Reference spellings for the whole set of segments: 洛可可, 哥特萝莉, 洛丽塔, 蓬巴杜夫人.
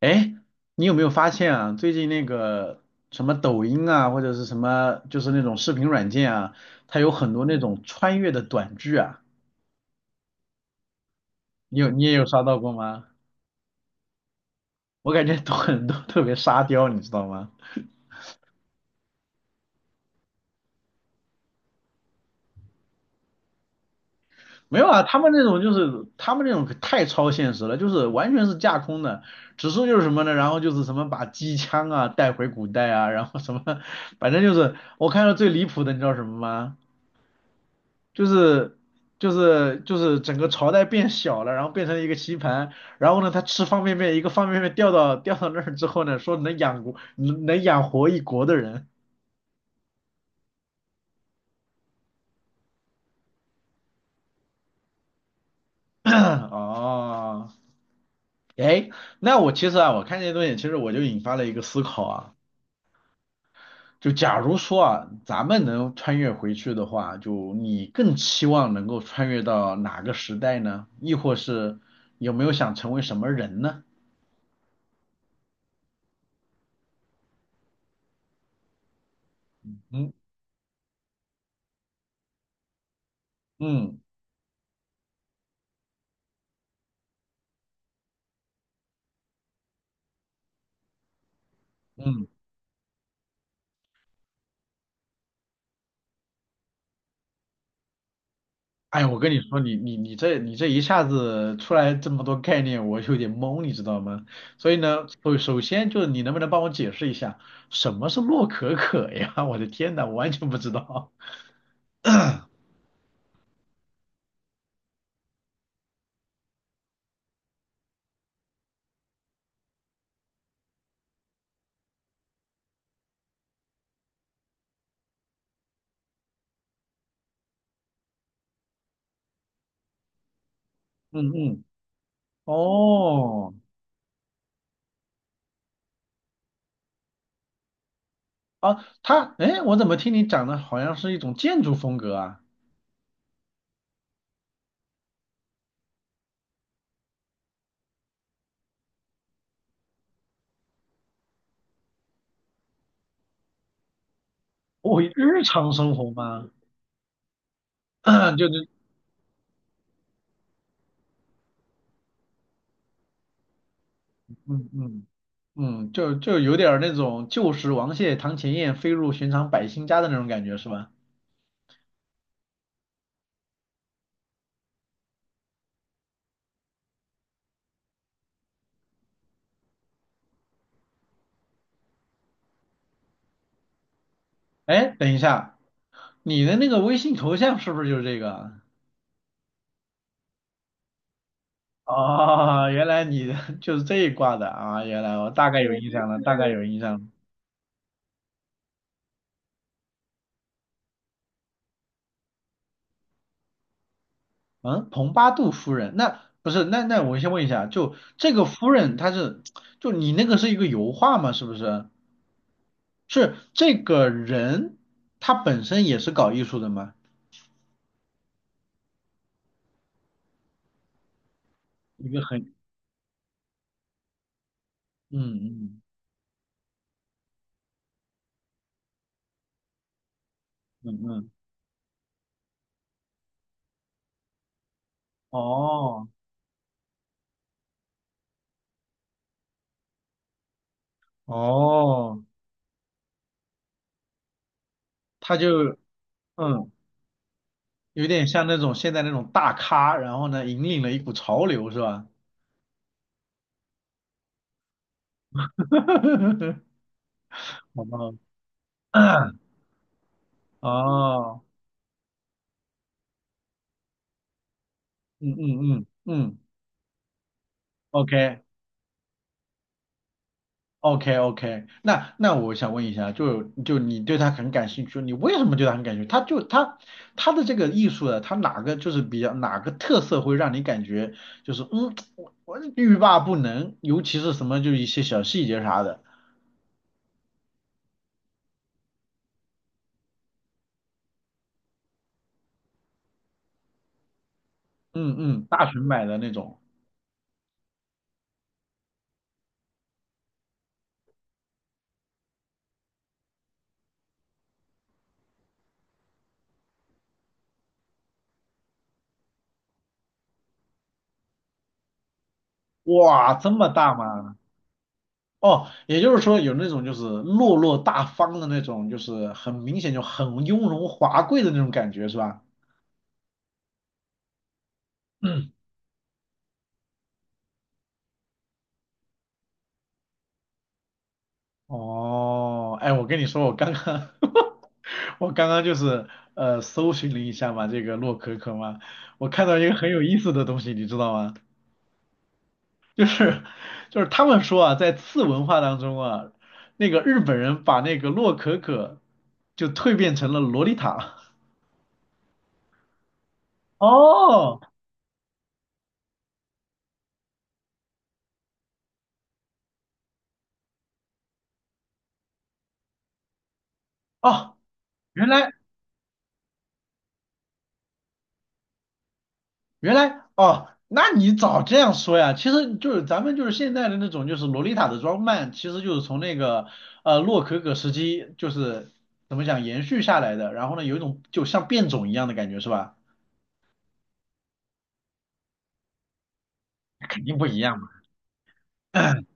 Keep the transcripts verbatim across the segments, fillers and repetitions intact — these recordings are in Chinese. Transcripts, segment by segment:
哎，你有没有发现啊？最近那个什么抖音啊，或者是什么，就是那种视频软件啊，它有很多那种穿越的短剧啊。你有你也有刷到过吗？我感觉都很都特别沙雕，你知道吗？没有啊，他们那种就是他们那种可太超现实了，就是完全是架空的，指数就是什么呢？然后就是什么把机枪啊带回古代啊，然后什么，反正就是我看到最离谱的，你知道什么吗？就是就是就是整个朝代变小了，然后变成了一个棋盘，然后呢，他吃方便面，一个方便面掉到掉到那儿之后呢，说能养国能能养活一国的人。哦，哎，那我其实啊，我看这些东西，其实我就引发了一个思考啊，就假如说啊，咱们能穿越回去的话，就你更期望能够穿越到哪个时代呢？亦或是有没有想成为什么人呢？嗯嗯嗯。哎我跟你说，你你你这你这一下子出来这么多概念，我有点懵，你知道吗？所以呢，首首先就是你能不能帮我解释一下什么是洛可可呀？我的天呐，我完全不知道。嗯嗯，哦，啊，它，哎，我怎么听你讲的好像是一种建筑风格啊？哦，日常生活吗？就是，嗯嗯嗯，就就有点儿那种旧时王谢堂前燕，飞入寻常百姓家的那种感觉是吧？哎，等一下。你的那个微信头像是不是就是这个啊？哦，原来你的 就是这一挂的啊！原来我大概有印象了，大概有印象了。嗯，蓬巴杜夫人，那不是？那那我先问一下，就这个夫人她是，就你那个是一个油画吗？是不是？是这个人他本身也是搞艺术的吗？一个很，嗯嗯嗯嗯，哦哦，他就嗯，有点像那种现在那种大咖，然后呢，引领了一股潮流，是吧？好吧，哦，嗯嗯嗯嗯，OK OK OK，那那我想问一下，就就你对他很感兴趣，你为什么对他很感兴趣？他就他他的这个艺术的，他哪个就是比较哪个特色会让你感觉就是嗯，我我欲罢不能，尤其是什么就一些小细节啥的，嗯嗯，大熊买的那种，哇，这么大吗？哦，也就是说有那种就是落落大方的那种，就是很明显就很雍容华贵的那种感觉，是吧？嗯，哦，哎，我跟你说，我刚刚 我刚刚就是呃搜寻了一下嘛，这个洛可可嘛，我看到一个很有意思的东西，你知道吗？就是就是他们说啊，在次文化当中啊，那个日本人把那个洛可可就蜕变成了洛丽塔。哦哦，原来原来哦，那你早这样说呀，其实就是咱们就是现在的那种就是洛丽塔的装扮，其实就是从那个呃洛可可时期就是怎么讲延续下来的，然后呢有一种就像变种一样的感觉是吧？肯定不一样嘛。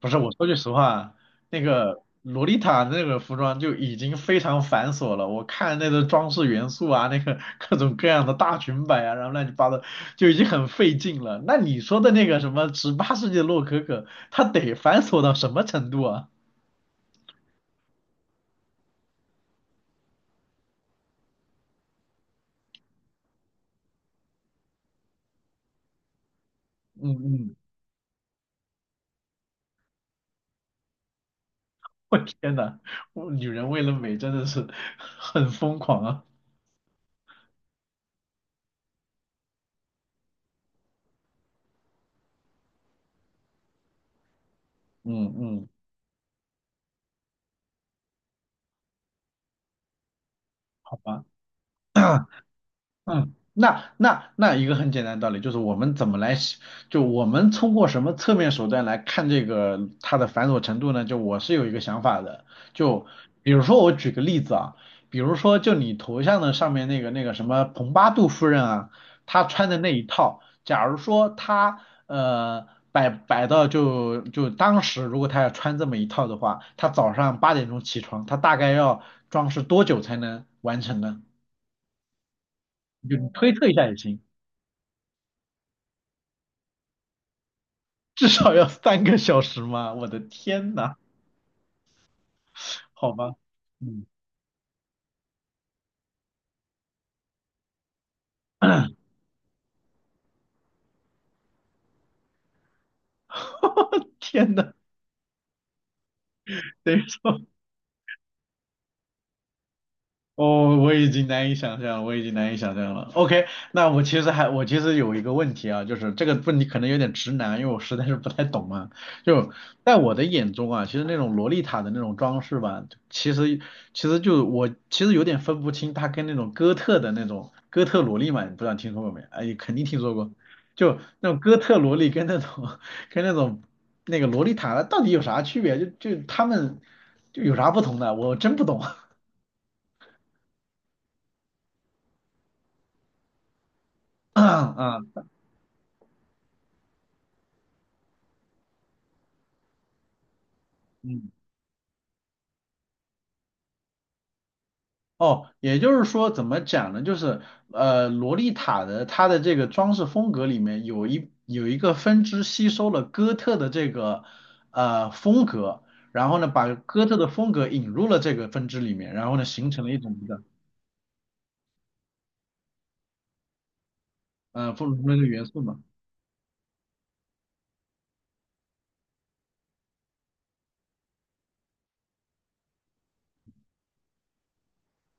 不是，我说句实话，那个洛丽塔那个服装就已经非常繁琐了。我看那个装饰元素啊，那个各种各样的大裙摆啊，然后乱七八糟，就已经很费劲了。那你说的那个什么十八世纪的洛可可，它得繁琐到什么程度啊？嗯嗯，我天呐，我女人为了美真的是很疯狂啊。嗯嗯，好吧。嗯，那那那一个很简单的道理就是我们怎么来喜就我们通过什么侧面手段来看这个它的繁琐程度呢？就我是有一个想法的，就比如说我举个例子啊，比如说就你头像的上面那个那个什么蓬巴杜夫人啊，她穿的那一套，假如说她呃摆摆到就就当时如果她要穿这么一套的话，她早上八点钟起床，她大概要装饰多久才能完成呢？就你推测一下也行。至少要三个小时吗？我的天呐，好吗？嗯，天呐，等于说。哦，我已经难以想象了我已经难以想象了。OK，那我其实还我其实有一个问题啊，就是这个问题可能有点直男，因为我实在是不太懂嘛。就在我的眼中啊，其实那种洛丽塔的那种装饰吧，其实其实就我其实有点分不清它跟那种哥特的那种哥特萝莉嘛，不知道听说过没？哎，肯定听说过。就那种哥特萝莉跟那种 跟那种那个洛丽塔到底有啥区别？就就他们就有啥不同的？我真不懂。啊。嗯，哦，也就是说，怎么讲呢？就是呃，洛丽塔的它的这个装饰风格里面有一有一个分支吸收了哥特的这个呃风格，然后呢，把哥特的风格引入了这个分支里面，然后呢，形成了一种这个呃风那个元素嘛，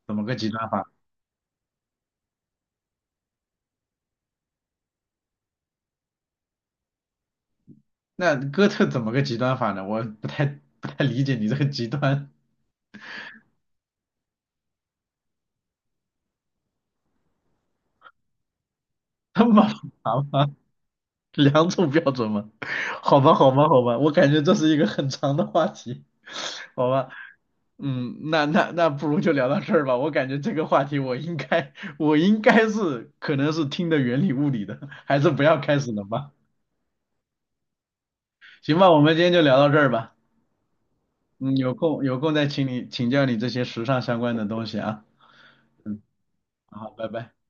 怎么个极端法？那哥特怎么个极端法呢？我不太不太理解你这个极端，这么复杂吗？两种标准吗？好吧，好吧，好吧，我感觉这是一个很长的话题，好吧，嗯，那那那不如就聊到这儿吧。我感觉这个话题我应该我应该是可能是听的云里雾里的，还是不要开始了吧。行吧，我们今天就聊到这儿吧。嗯，有空有空再请你请教你这些时尚相关的东西啊。好，拜拜。